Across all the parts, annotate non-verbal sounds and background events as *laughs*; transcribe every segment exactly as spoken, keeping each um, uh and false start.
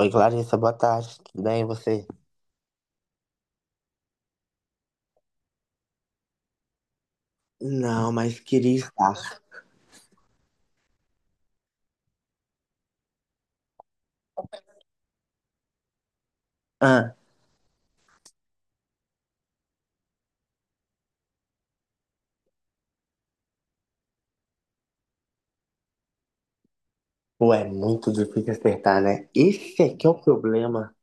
Oi, Clarissa, boa tarde. Tudo bem, e você? Não, mas queria estar. Ah, pô, é muito difícil acertar, né? Esse aqui é o problema.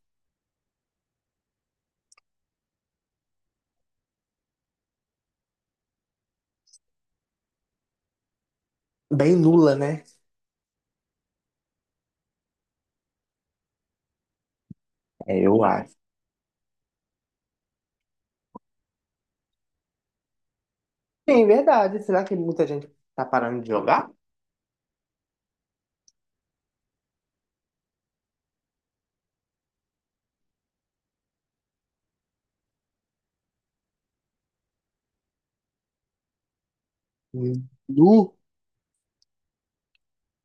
Bem nula, né? É, eu acho. Sim, verdade. Será que muita gente tá parando de jogar? Hum. Nu,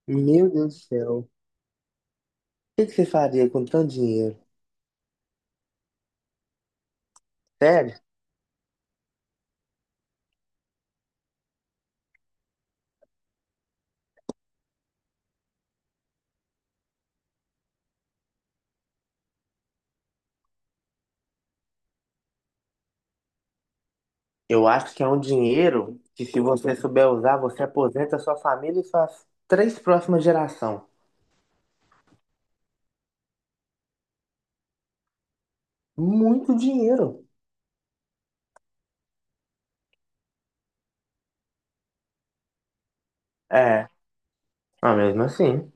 meu Deus do céu. O que que você faria com tanto dinheiro? Sério? Eu acho que é um dinheiro que, se você souber usar, você aposenta sua família e suas três próximas gerações. Muito dinheiro. É, mas mesmo assim.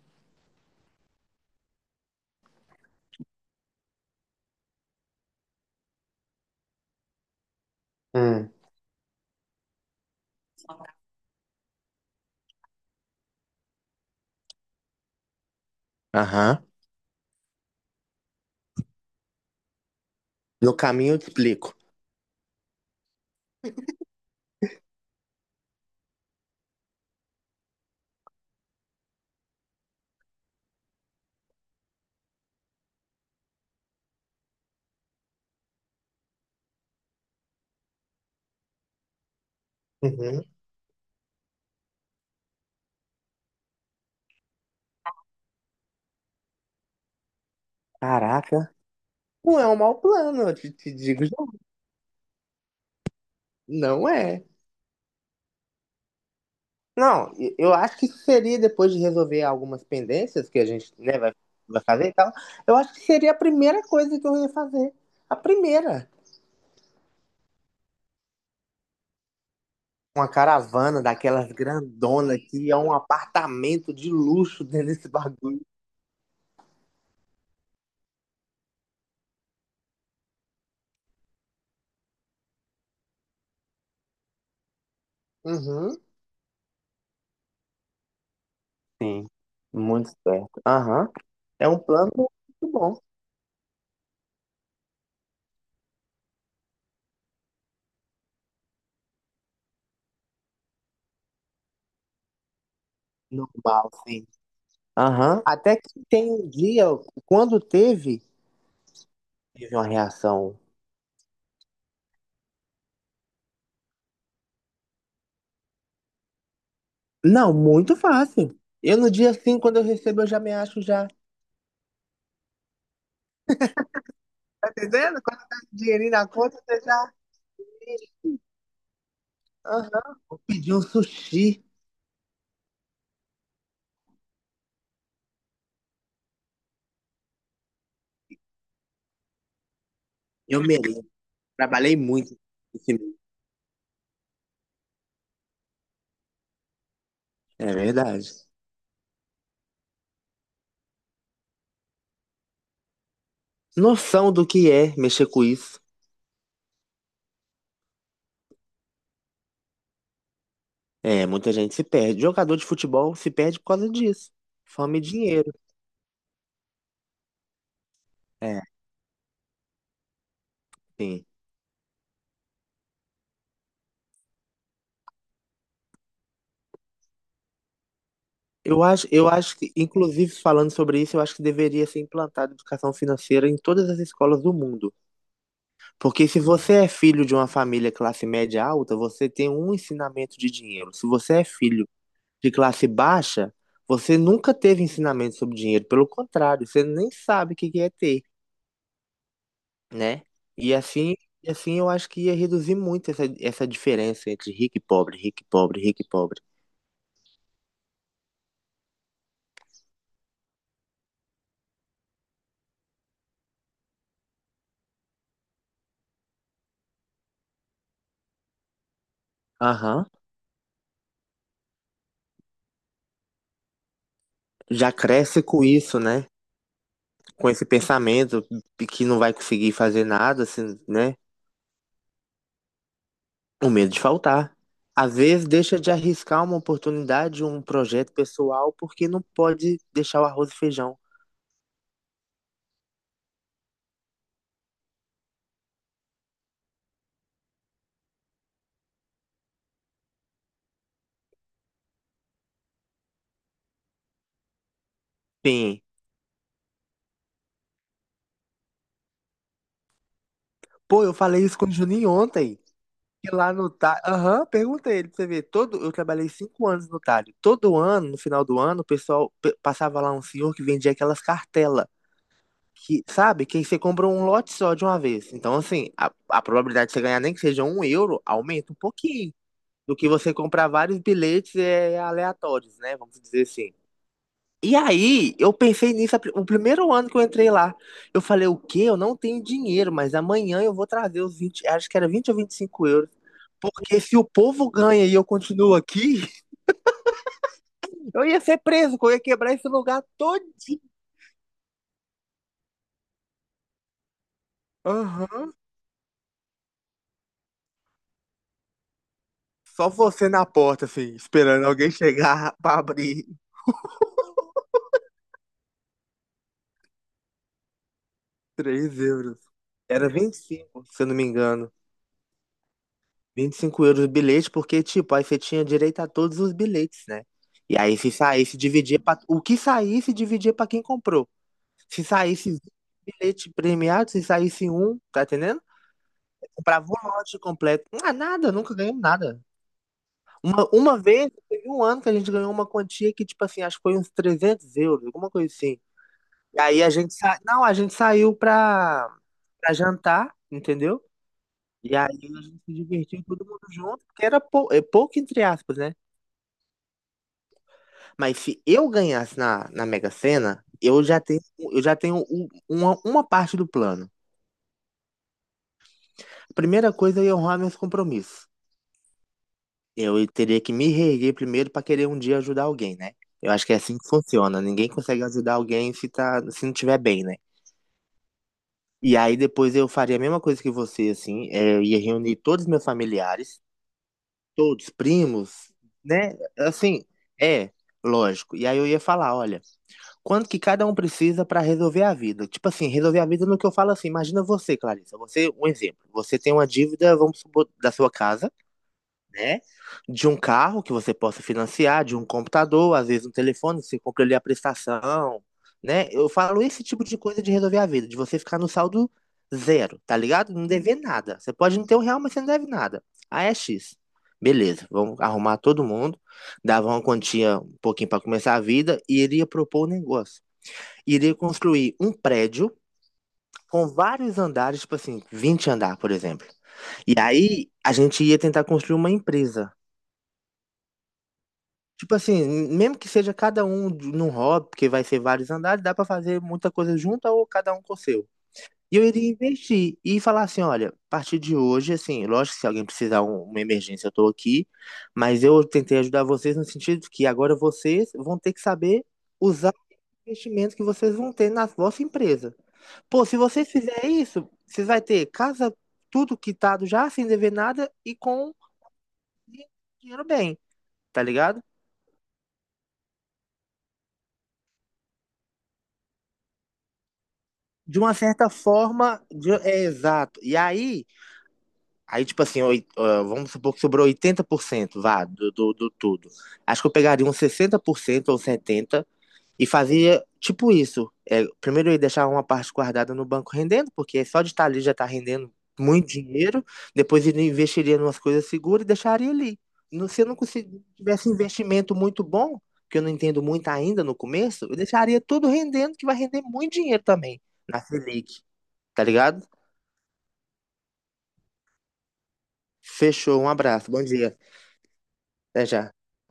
Hum. Aham. No caminho eu te explico. Uhum. Caraca. Não é um mau plano, eu te, te digo já. Não é. Não, e- eu acho que seria depois de resolver algumas pendências que a gente, né, vai, vai fazer e tal. Eu acho que seria a primeira coisa que eu ia fazer. A primeira. Uma caravana daquelas grandona que é um apartamento de luxo *laughs* dentro desse bagulho. Uhum. Sim, muito certo. Aham. É um plano muito bom. Normal, sim. Aham. Até que tem um dia, quando teve, teve uma reação. Não, muito fácil. Eu no dia assim, quando eu recebo, eu já me acho já. Tá entendendo? Quando tá com dinheirinho na conta, você já. Aham. Pedi um sushi. Eu mereço. Trabalhei muito esse mês. É verdade. Noção do que é mexer com isso. É, muita gente se perde. Jogador de futebol se perde por causa disso. Fome e dinheiro. É, sim. Eu acho, eu acho que, inclusive, falando sobre isso, eu acho que deveria ser implantada educação financeira em todas as escolas do mundo. Porque se você é filho de uma família classe média alta, você tem um ensinamento de dinheiro. Se você é filho de classe baixa, você nunca teve ensinamento sobre dinheiro. Pelo contrário, você nem sabe o que que é ter, né? E assim, e assim eu acho que ia reduzir muito essa, essa diferença entre rico e pobre, rico e pobre, rico e pobre. Aham. Já cresce com isso, né? Com esse pensamento de que não vai conseguir fazer nada, assim, né? O medo de faltar. Às vezes deixa de arriscar uma oportunidade, um projeto pessoal, porque não pode deixar o arroz e feijão. Sim. Pô, eu falei isso com o Juninho ontem. E lá no Talho. Aham, perguntei ele pra você ver. Todo... Eu trabalhei cinco anos no Talho. Todo ano, no final do ano, o pessoal pe- passava lá um senhor que vendia aquelas cartelas. Que, sabe, que aí você compra um lote só de uma vez. Então, assim, a, a probabilidade de você ganhar nem que seja um euro aumenta um pouquinho do que você comprar vários bilhetes é, aleatórios, né? Vamos dizer assim. E aí, eu pensei nisso, a pri- o primeiro ano que eu entrei lá, eu falei, o quê? Eu não tenho dinheiro, mas amanhã eu vou trazer os vinte, acho que era vinte ou vinte e cinco euros. Porque se o povo ganha e eu continuo aqui, *laughs* eu ia ser preso, que eu ia quebrar esse lugar todo. Aham. Só você na porta, assim, esperando alguém chegar *laughs* pra abrir. Três euros. Era vinte e cinco se eu não me engano. Vinte e cinco euros o bilhete, porque, tipo, aí você tinha direito a todos os bilhetes, né? E aí, se saísse, dividia pra... O que saísse, dividia pra quem comprou. Se saísse vinte bilhete premiado, se saísse um, tá entendendo? Comprava o lote completo. Ah, nada, nunca ganhamos nada. Uma, uma vez, teve um ano que a gente ganhou uma quantia que, tipo assim, acho que foi uns trezentos euros, alguma coisa assim. E aí a gente sa... não, a gente saiu pra, pra jantar, entendeu? E aí a gente se divertiu todo mundo junto, porque era pou... é pouco, entre aspas, né? Mas se eu ganhasse na, na Mega Sena, eu já tenho, eu já tenho um- uma, uma parte do plano. A primeira coisa é honrar meus compromissos. Eu teria que me reerguer primeiro para querer um dia ajudar alguém, né? Eu acho que é assim que funciona. Ninguém consegue ajudar alguém se, tá, se não tiver bem, né? E aí depois eu faria a mesma coisa que você, assim. é, eu ia reunir todos os meus familiares, todos, primos, né? Assim, é, lógico. E aí eu ia falar, olha, quanto que cada um precisa para resolver a vida. Tipo assim, resolver a vida no que eu falo assim, imagina você, Clarissa, você, um exemplo, você tem uma dívida, vamos supor, da sua casa, né? De um carro que você possa financiar, de um computador, às vezes um telefone, você compra ali a prestação, né? Eu falo esse tipo de coisa de resolver a vida, de você ficar no saldo zero, tá ligado? Não dever nada. Você pode não ter um real, mas você não deve nada. Aí é X. Beleza, vamos arrumar todo mundo, dava uma quantia um pouquinho para começar a vida e ele ia propor um negócio, iria construir um prédio com vários andares, tipo assim, vinte andar, por exemplo. E aí a gente ia tentar construir uma empresa. Tipo assim, mesmo que seja cada um de- num hobby, porque vai ser vários andares, dá pra fazer muita coisa junta ou cada um com o seu. E eu iria investir e falar assim, olha, a partir de hoje, assim, lógico que se alguém precisar um- uma emergência, eu tô aqui, mas eu tentei ajudar vocês no sentido que agora vocês vão ter que saber usar o investimento que vocês vão ter na vossa empresa. Pô, se vocês fizerem isso, vocês vai ter casa, tudo quitado já, sem dever nada e com dinheiro bem, tá ligado? De uma certa forma, de- é exato. E aí, aí tipo assim, oi- ah, vamos supor que sobrou oitenta por cento, vá, do, do, do tudo. Acho que eu pegaria uns sessenta por cento ou setenta por cento. E fazia tipo isso. É, primeiro eu deixava uma parte guardada no banco rendendo, porque só de estar ali já está rendendo muito dinheiro. Depois ele investiria em umas coisas seguras e deixaria ali. No- Se eu não consegui- tivesse investimento muito bom, que eu não entendo muito ainda no começo, eu deixaria tudo rendendo, que vai render muito dinheiro também na Selic, tá ligado? Fechou, um abraço, bom dia. Até já.